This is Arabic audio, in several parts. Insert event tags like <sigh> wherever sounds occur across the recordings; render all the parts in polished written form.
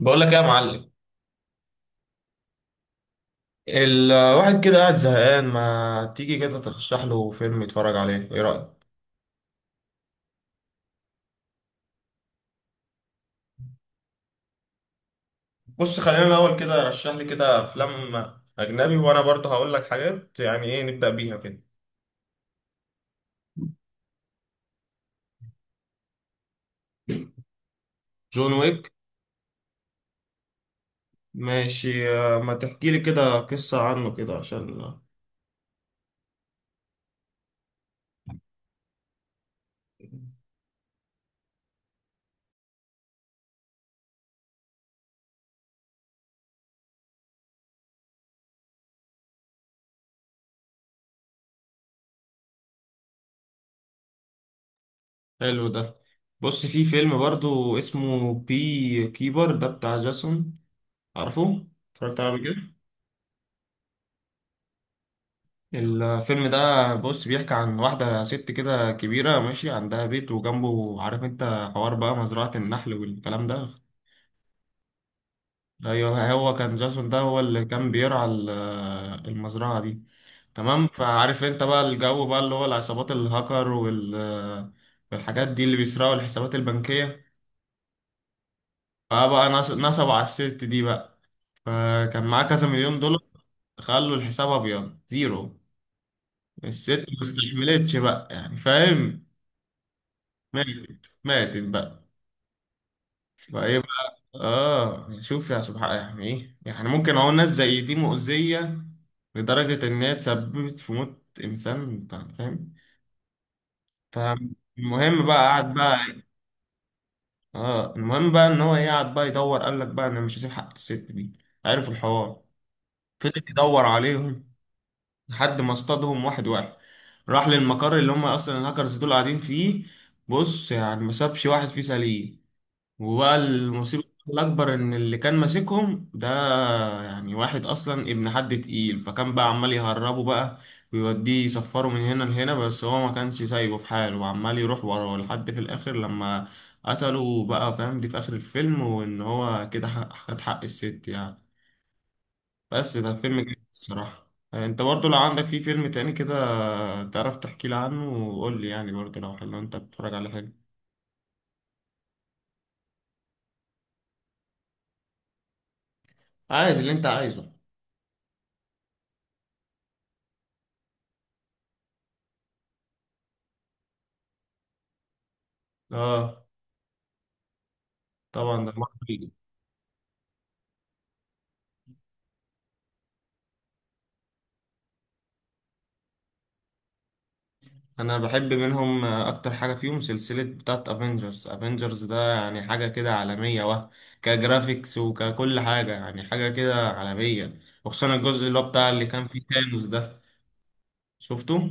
بقول لك ايه يا معلم. الواحد كده قاعد زهقان، ما تيجي كده ترشح له فيلم يتفرج عليه؟ ايه رأيك؟ بص، خلينا الاول كده رشح لي كده افلام اجنبي، وانا برضه هقول لك حاجات، يعني ايه نبدأ بيها كده؟ جون ويك. ماشي ما تحكي لي كده قصة عنه كده عشان. حلو ده. بص، في فيلم برضه اسمه بي كيبر ده بتاع جاسون. عارفه؟ اتفرجت عليه قبل كده؟ الفيلم ده، بص، بيحكي عن واحدة ست كده كبيرة ماشي، عندها بيت وجنبه، عارف انت، حوار بقى مزرعة النحل والكلام ده. ايوه، هو كان جاسون ده هو اللي كان بيرعى المزرعة دي. تمام، فعارف انت بقى الجو بقى اللي هو العصابات الهاكر وال آه، والحاجات دي اللي بيسرقوا الحسابات البنكية. فبقى نصبوا على الست دي بقى. فكان معاه كذا مليون دولار. خلوا الحساب ابيض زيرو. الست ما استحملتش بقى، يعني فاهم. ماتت ماتت بقى. فايه بقى اه، شوف يا سبحان، يعني ايه يعني، ممكن اهو ناس زي دي مؤذية لدرجة ان هي تسببت في موت انسان فاهم. فالمهم بقى قعد بقى. اه المهم بقى ان هو قعد بقى يدور، قال لك بقى انا مش هسيب حق الست دي. عارف الحوار. فضل يدور عليهم لحد ما اصطادهم واحد واحد. راح للمقر اللي هم اصلا الهاكرز دول قاعدين فيه. بص، يعني ما سابش واحد فيه سليم. وبقى المصيبة الأكبر إن اللي كان ماسكهم ده يعني واحد أصلا ابن حد تقيل، فكان بقى عمال يهربه بقى ويوديه يسفره من هنا لهنا، بس هو ما كانش سايبه في حاله وعمال يروح وراه لحد في الآخر، لما قتله بقى، فاهم، دي في آخر الفيلم، وإن هو كده خد حق الست يعني. بس ده فيلم جامد الصراحة. أنت برضو لو عندك فيه فيلم تاني كده تعرف تحكي لي عنه، وقول لي يعني برضو لو حلو، أنت بتتفرج على حاجة عادي اللي أنت عايزه. اه طبعا ده مصري. انا بحب منهم، اكتر حاجه فيهم سلسله بتاعت افنجرز. افنجرز ده يعني حاجه كده عالميه، وه كجرافيكس وككل حاجه، يعني حاجه كده عالميه. وخصوصا الجزء اللي هو بتاع اللي كان فيه ثانوس ده. شفته؟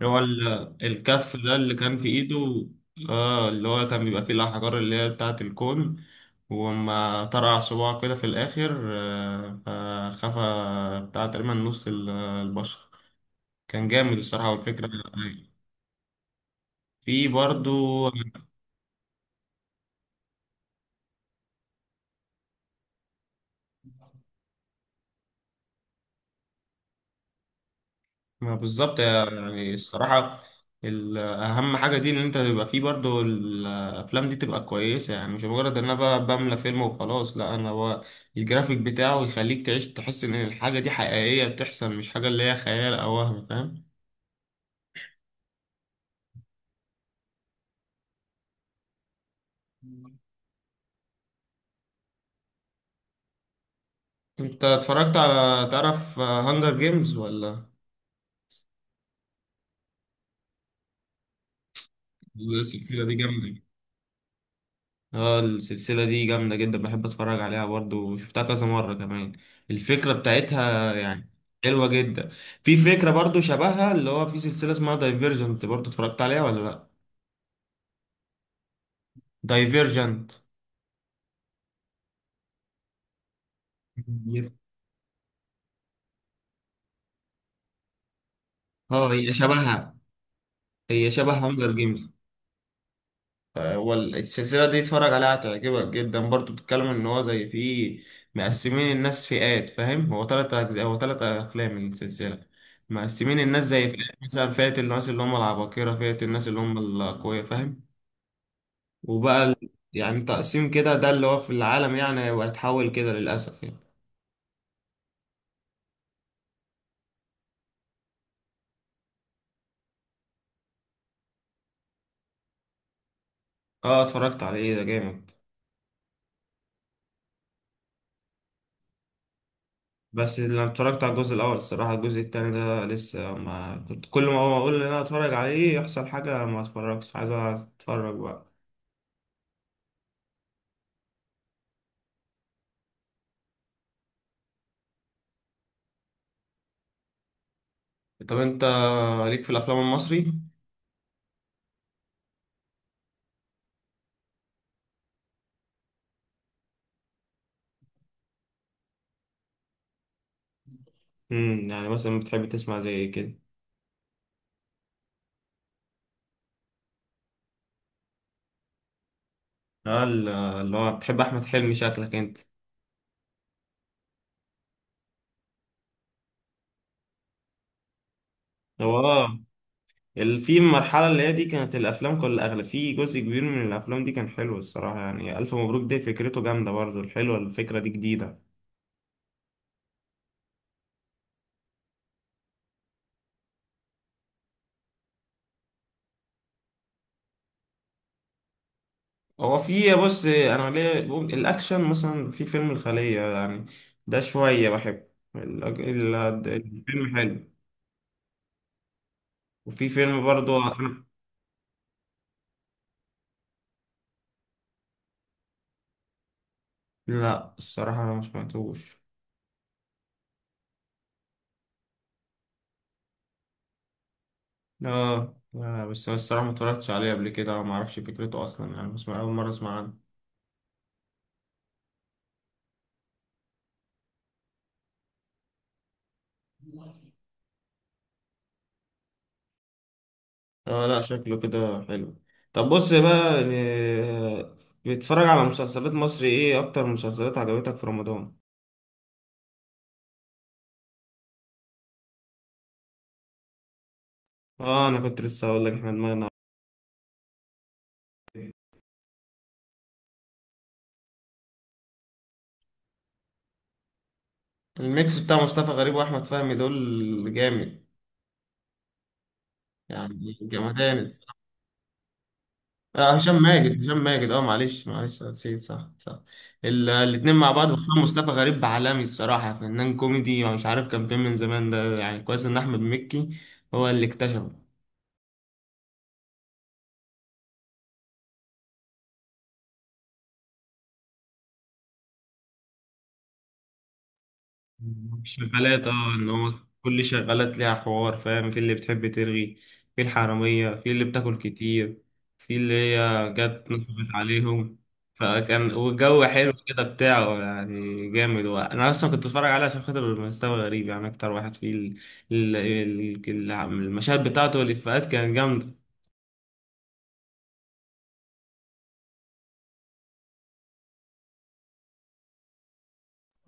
اللي هو الكف ده اللي كان في ايده. اه اللي هو كان بيبقى فيه الاحجار اللي هي بتاعت الكون، وما طرع صباعه كده في الاخر فخفى بتاع تقريبا نص البشر. كان جامد الصراحه، والفكره في برضو. ما بالظبط يعني الصراحة. أهم حاجة دي إن أنت تبقى فيه برضو الأفلام دي تبقى كويسة، يعني مش مجرد إن أنا بقى بملى فيلم وخلاص، لا، أنا هو الجرافيك بتاعه يخليك تعيش، تحس إن الحاجة دي حقيقية بتحصل، مش حاجة اللي هي خيال أو وهم، فاهم. أنت اتفرجت على، تعرف، هانجر جيمز ولا؟ السلسلة دي جامدة. اه السلسلة دي جامدة جدا، بحب اتفرج عليها برضو وشفتها كذا مرة كمان. الفكرة بتاعتها يعني حلوة جدا. في فكرة برضو شبهها اللي هو في سلسلة اسمها دايفيرجنت، برضو اتفرجت عليها ولا لا؟ دايفيرجنت. <laughs> اه هي شبهها، هي شبه هانجر جيمز. هو السلسلة دي اتفرج عليها هتعجبك جدا برضو، بتتكلم ان هو زي في، مقسمين الناس فئات، فاهم، هو 3 اجزاء، هو 3 افلام من السلسلة. مقسمين الناس زي فئات، مثلا فئة الناس اللي هم العباقرة، فئة الناس اللي هم الاقوياء، فاهم. وبقى يعني تقسيم كده ده اللي هو في العالم يعني، وهيتحول كده للأسف يعني. اه اتفرجت على ايه ده جامد. بس لما اتفرجت على الجزء الأول الصراحة، الجزء التاني ده لسه ما كنت، كل ما هو أقول إن أنا أتفرج عليه يحصل حاجة ما أتفرجش. عايز أتفرج بقى. طب انت ليك في الافلام المصري؟ يعني مثلا بتحب تسمع زي إيه كده. اه اللي هو بتحب احمد حلمي شكلك انت. هو اه في المرحلة اللي هي دي كانت الأفلام كل أغلب، في جزء كبير من الأفلام دي كان حلو الصراحة. يعني ألف مبروك دي فكرته جامدة برضه الحلوة، الفكرة دي جديدة. هو في، بص، انا ليه بقول الاكشن مثلا في فيلم الخلية يعني. ده شوية بحبه. ال- ال- الفيلم حلو. وفي فيلم برضو انا. لا الصراحة انا ما سمعتوش. اه لا، بس انا الصراحه ما اتفرجتش عليه قبل كده، ما اعرفش فكرته اصلا، يعني بسمع اول مره اسمع عنه. اه لا، شكله كده حلو. طب بص بقى يعني، آه، بتتفرج على مسلسلات مصري ايه؟ اكتر مسلسلات عجبتك في رمضان. اه انا كنت لسه هقول لك، احنا دماغنا. الميكس بتاع مصطفى غريب واحمد فهمي دول جامد، يعني جمدان. آه هشام ماجد، هشام ماجد، اه معلش معلش نسيت، صح صح. الاتنين مع بعض، خصوصا مصطفى غريب عالمي الصراحة. فنان كوميدي، مش عارف كان فين من زمان ده، يعني كويس ان احمد مكي هو اللي اكتشفه. شغالات اه، ان هو كل شغالات ليها حوار، فاهم، في اللي بتحب ترغي، في الحرامية، في اللي بتاكل كتير، في اللي هي جت نصبت عليهم. فكان والجو حلو كده بتاعه يعني جامد. انا اصلا كنت بتفرج عليه عشان خاطر مستوى غريب يعني، اكتر واحد فيه المشاهد بتاعته والافيهات كانت جامدة.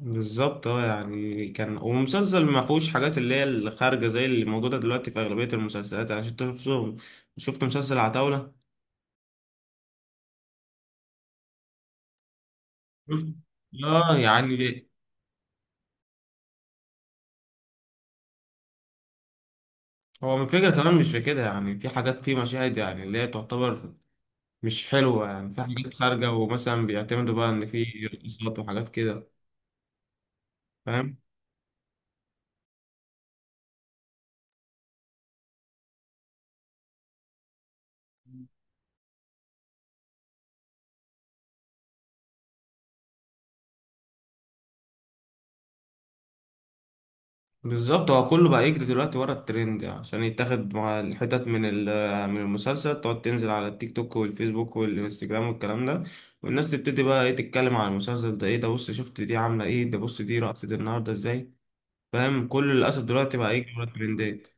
بالظبط اه يعني كان، ومسلسل ما فيهوش حاجات اللي هي الخارجة زي اللي موجودة دلوقتي في أغلبية المسلسلات، يعني عشان تشوفهم. شفت مسلسل عتاولة؟ شفت؟ اه يعني، هو من فكرة كمان مش في كده يعني، في حاجات في مشاهد يعني اللي هي تعتبر مش حلوة، يعني في حاجات خارجة، ومثلا بيعتمدوا بقى إن في رقصات وحاجات كده، فاهم. بالظبط، هو كله بقى يجري دلوقتي ورا الترند يعني، عشان يتاخد مع الحتت من المسلسل. تقعد تنزل على التيك توك والفيسبوك والانستجرام والكلام ده. والناس تبتدي بقى ايه تتكلم على المسلسل ده، ايه ده بص شفت دي عاملة ايه، ده بص دي رقصت النهاردة ازاي، فاهم، كل للأسف دلوقتي بقى يجري ورا الترندات.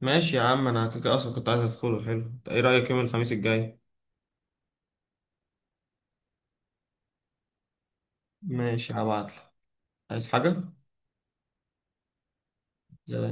ماشي يا عم، انا كده كده اصلا كنت عايز ادخله. حلو، ايه رأيك يوم الخميس الجاي؟ ماشي هبعتلك. عايز حاجة؟ زي.